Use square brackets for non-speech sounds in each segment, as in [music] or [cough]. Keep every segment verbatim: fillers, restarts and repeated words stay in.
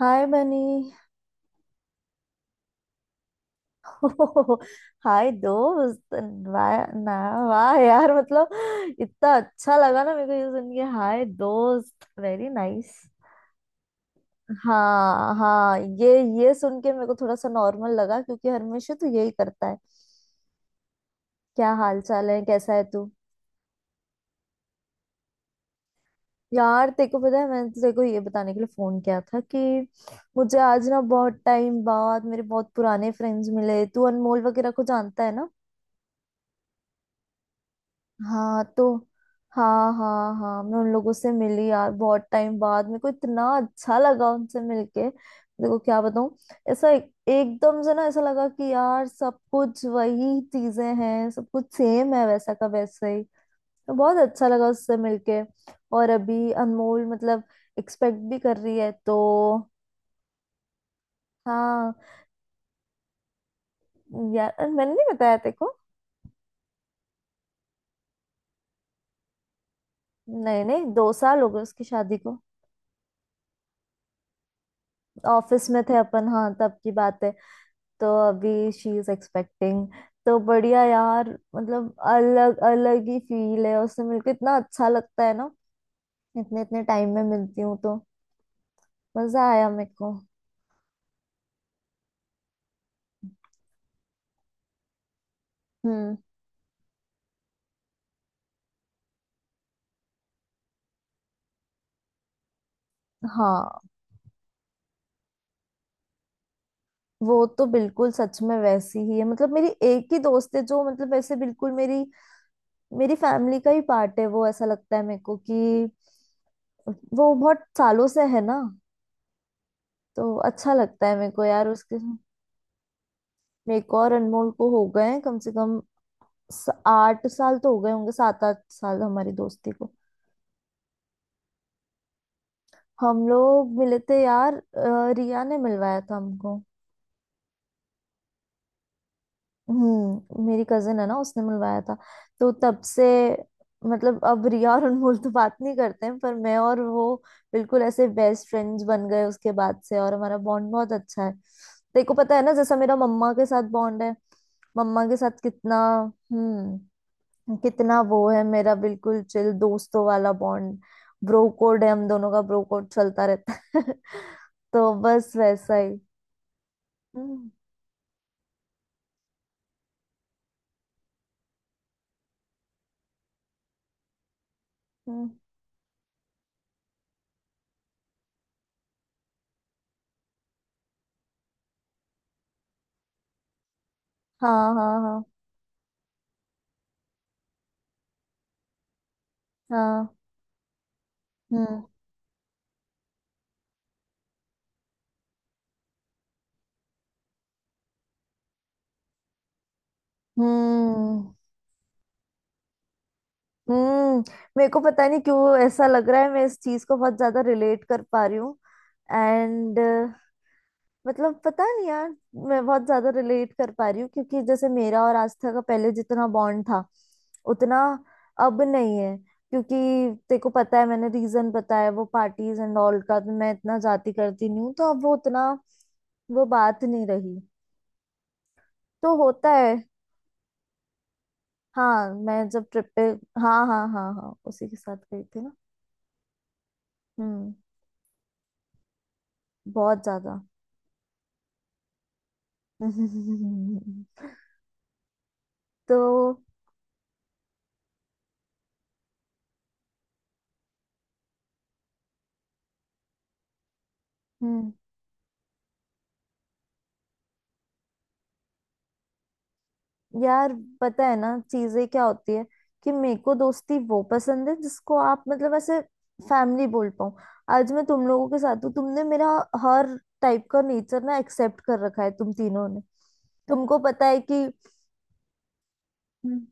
हाय बनी। [laughs] हाय दोस्त। वाह ना। वाह यार मतलब इतना अच्छा लगा ना मेरे को ये सुन के हाय दोस्त, वेरी नाइस। हाँ हाँ, ये ये सुन के मेरे को थोड़ा सा नॉर्मल लगा क्योंकि हमेशा तो यही करता है। क्या हाल चाल है, कैसा है तू? यार तेरे को पता है मैंने तो तेरे को ये बताने के लिए फोन किया था कि मुझे आज ना बहुत टाइम बाद मेरे बहुत पुराने फ्रेंड्स मिले। तू अनमोल वगैरह को जानता है ना। हाँ तो, हाँ हाँ हाँ मैं उन लोगों से मिली यार बहुत टाइम बाद, मेरे को इतना अच्छा लगा उनसे मिलके। देखो क्या बताऊं। ऐसा एक, एकदम से ना ऐसा लगा कि यार सब कुछ वही चीजें हैं, सब कुछ सेम है वैसा का वैसे ही। तो बहुत अच्छा लगा उससे मिलके। और अभी अनमोल मतलब एक्सपेक्ट भी कर रही है तो। हाँ, यार मैंने नहीं बताया तेको। नहीं नहीं, दो साल हो गए उसकी शादी को। ऑफिस में थे अपन हाँ, तब की बात है। तो अभी शी इज एक्सपेक्टिंग। तो बढ़िया यार। मतलब अलग अलग ही फील है उससे मिलकर, इतना अच्छा लगता है ना। इतने इतने टाइम में मिलती हूँ तो मजा आया मेरे को। हम्म। हाँ वो तो बिल्कुल सच में वैसी ही है, मतलब मेरी एक ही दोस्त है जो मतलब वैसे बिल्कुल मेरी, मेरी फैमिली का ही पार्ट है वो, ऐसा लगता है मेरे को कि वो बहुत सालों से है ना। तो अच्छा लगता है मेरे को यार उसके। मेरे को और अनमोल को हो गए हैं कम से कम, स- आठ साल तो हो गए होंगे, सात आठ साल हमारी दोस्ती को। हम लोग मिले थे यार, अ, रिया ने मिलवाया था हमको। हम्म, मेरी कजिन है ना, उसने मिलवाया था। तो तब से, मतलब अब रिया और अनमोल तो बात नहीं करते हैं पर मैं और वो बिल्कुल ऐसे बेस्ट फ्रेंड्स बन गए उसके बाद से। और हमारा बॉन्ड बहुत अच्छा है, तेरे को पता है ना जैसा मेरा मम्मा के साथ बॉन्ड है, मम्मा के साथ कितना। हम्म। कितना वो है मेरा बिल्कुल चिल दोस्तों वाला बॉन्ड। ब्रो कोड है हम दोनों का, ब्रो कोड चलता रहता है। [laughs] तो बस वैसा ही। हम्म। हम्म, हाँ हाँ हाँ हाँ। हम्म हम्म हम्म। मेरे को पता नहीं क्यों ऐसा लग रहा है, मैं इस चीज को बहुत ज्यादा रिलेट कर पा रही हूँ। एंड, मतलब पता नहीं यार, मैं बहुत ज्यादा रिलेट कर पा रही हूँ क्योंकि जैसे मेरा और आस्था का पहले जितना बॉन्ड था, उतना अब नहीं है क्योंकि तेरे को पता है मैंने रीजन बताया वो पार्टीज एंड ऑल का, तो मैं इतना जाती करती नहीं हूँ तो अब वो उतना, वो बात नहीं रही। तो होता है। हाँ, मैं जब ट्रिप पे। हाँ हाँ हाँ हाँ, उसी के साथ गई थी ना। हम्म। बहुत ज्यादा। [laughs] तो। हम्म। यार, पता है ना चीजें क्या होती है कि मेरे को दोस्ती वो पसंद है जिसको आप मतलब ऐसे फैमिली बोल पाऊं। आज मैं तुम लोगों के साथ हूँ, तुमने मेरा हर टाइप का नेचर ना एक्सेप्ट कर रखा है तुम तीनों ने। तुमको पता है कि। हम्म।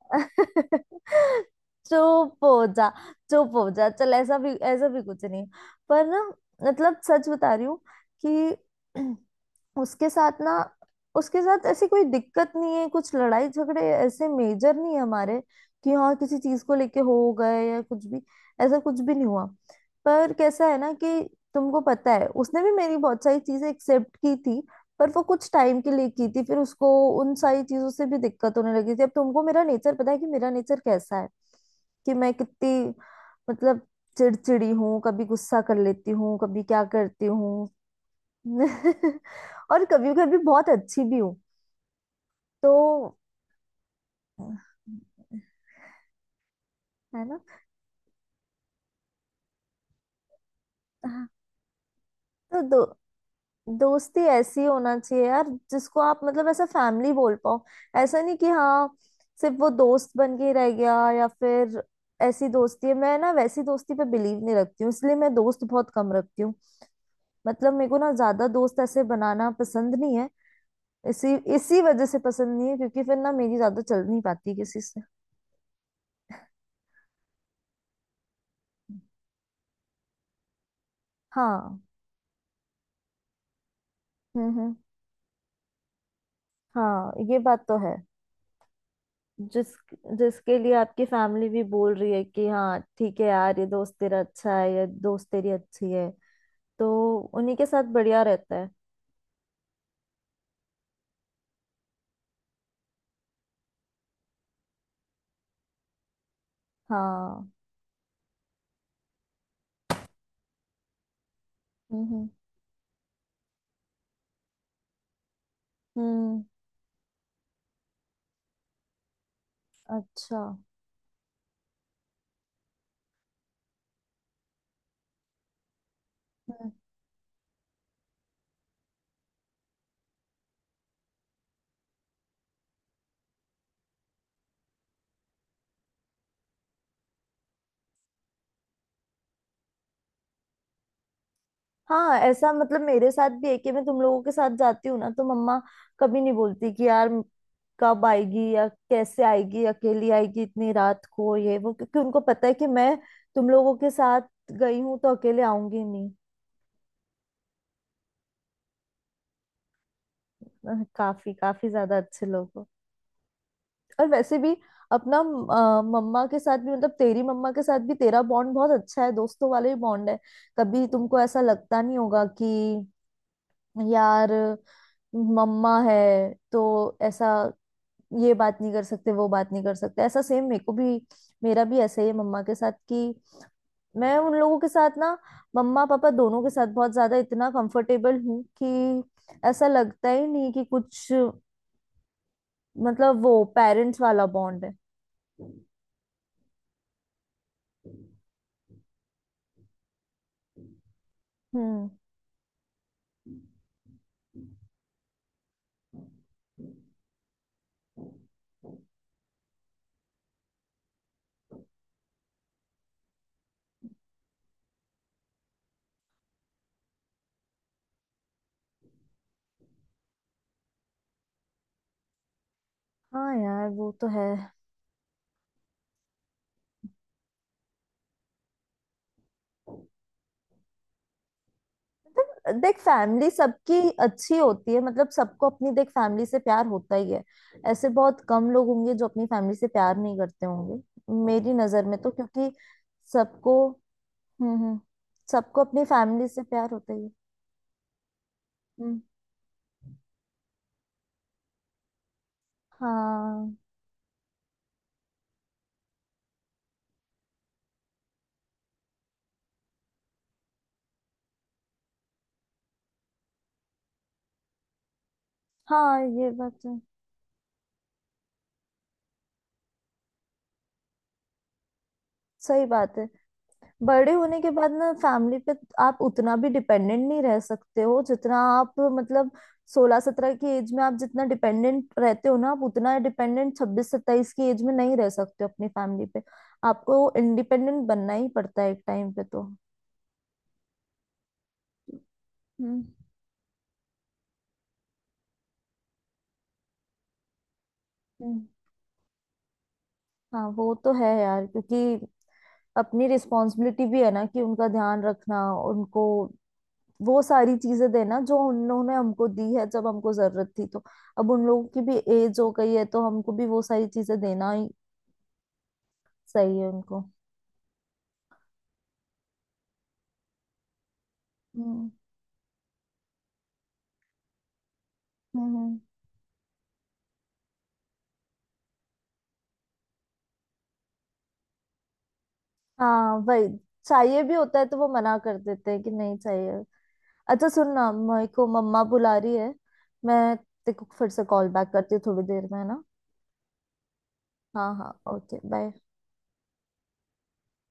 [laughs] चुप हो जा। चुप हो जा चल, ऐसा भी ऐसा भी कुछ नहीं। पर ना, मतलब सच बता रही हूँ कि [clears throat] उसके साथ ना, उसके साथ ऐसी कोई दिक्कत नहीं है, कुछ लड़ाई झगड़े ऐसे मेजर नहीं है हमारे कि हाँ किसी चीज को लेके हो गए या कुछ भी, ऐसा कुछ भी नहीं हुआ। पर कैसा है ना कि तुमको पता है उसने भी मेरी बहुत सारी चीजें एक्सेप्ट की थी, पर वो कुछ टाइम के लिए की थी, फिर उसको उन सारी चीजों से भी दिक्कत होने लगी थी। अब तुमको मेरा नेचर पता है कि मेरा नेचर कैसा है, कि मैं कितनी, मतलब चिड़चिड़ी हूँ, कभी गुस्सा कर लेती हूँ, कभी क्या करती हूँ, [laughs] और कभी कभी बहुत अच्छी भी हूँ। तो है ना। हाँ, तो दो दोस्ती ऐसी होना चाहिए यार जिसको आप मतलब ऐसा फैमिली बोल पाओ। ऐसा नहीं कि हाँ, सिर्फ वो दोस्त बन के रह गया या फिर ऐसी दोस्ती है। मैं ना वैसी दोस्ती पे बिलीव नहीं रखती हूँ, इसलिए मैं दोस्त बहुत कम रखती हूँ। मतलब मेरे को ना ज्यादा दोस्त ऐसे बनाना पसंद नहीं है, इसी इसी वजह से पसंद नहीं है क्योंकि फिर ना मेरी ज्यादा चल नहीं पाती किसी से। हाँ। हम्म हम्म। हाँ ये बात तो है। जिस जिसके लिए आपकी फैमिली भी बोल रही है कि हाँ ठीक है यार, ये दोस्त तेरा अच्छा है, ये दोस्त तेरी अच्छी है, तो उन्हीं के साथ बढ़िया रहता है। हाँ। हम्म हम्म। अच्छा। हम्म। हाँ ऐसा मतलब मेरे साथ भी है कि मैं तुम लोगों के साथ जाती हूँ ना तो मम्मा कभी नहीं बोलती कि यार, कब आएगी या कैसे आएगी, अकेली आएगी इतनी रात को ये वो, क्योंकि उनको पता है कि मैं तुम लोगों के साथ गई हूँ तो अकेले आऊंगी। अह, काफी काफी ज्यादा अच्छे लोग हो। और वैसे भी अपना अह, मम्मा के साथ भी मतलब तेरी मम्मा के साथ भी तेरा बॉन्ड बहुत अच्छा है, दोस्तों वाले बॉन्ड है। कभी तुमको ऐसा लगता नहीं होगा कि यार मम्मा है तो ऐसा ये बात नहीं कर सकते वो बात नहीं कर सकते। ऐसा सेम मेरे को भी, मेरा भी ऐसा ही है मम्मा के साथ कि मैं उन लोगों के साथ ना, मम्मा पापा दोनों के साथ बहुत ज्यादा इतना कंफर्टेबल हूँ कि ऐसा लगता ही नहीं कि कुछ, मतलब वो पेरेंट्स वाला बॉन्ड है। हम्म। हाँ यार वो तो है। देख फैमिली सबकी अच्छी होती है, मतलब सबको अपनी देख फैमिली से प्यार होता ही है। ऐसे बहुत कम लोग होंगे जो अपनी फैमिली से प्यार नहीं करते होंगे, मेरी नजर में तो, क्योंकि सबको। हम्म हम्म। सबको अपनी फैमिली से प्यार होता ही है। हम्म। हाँ हाँ ये बात तो है। सही बात है। बड़े होने के बाद ना फैमिली पे आप उतना भी डिपेंडेंट नहीं रह सकते हो जितना आप मतलब सोलह सत्रह की एज में आप जितना डिपेंडेंट रहते हो ना, आप उतना डिपेंडेंट छब्बीस सत्ताईस की एज में नहीं रह सकते हो अपनी फैमिली पे। आपको इंडिपेंडेंट बनना ही पड़ता है एक टाइम पे तो। हम्म। हम्म। हाँ वो तो है यार, क्योंकि अपनी रिस्पॉन्सिबिलिटी भी है ना कि उनका ध्यान रखना, उनको वो सारी चीजें देना जो उन्होंने हमको दी है जब हमको जरूरत थी, तो अब उन लोगों की भी एज हो गई है तो हमको भी वो सारी चीजें देना ही सही है उनको। हम्म हम्म हम्म। हाँ वही चाहिए भी होता है तो वो मना कर देते हैं कि नहीं चाहिए। अच्छा सुन ना, मेरे को मम्मा बुला रही है, मैं तेको फिर से कॉल बैक करती हूँ थोड़ी देर में, है ना। हाँ हाँ ओके बाय।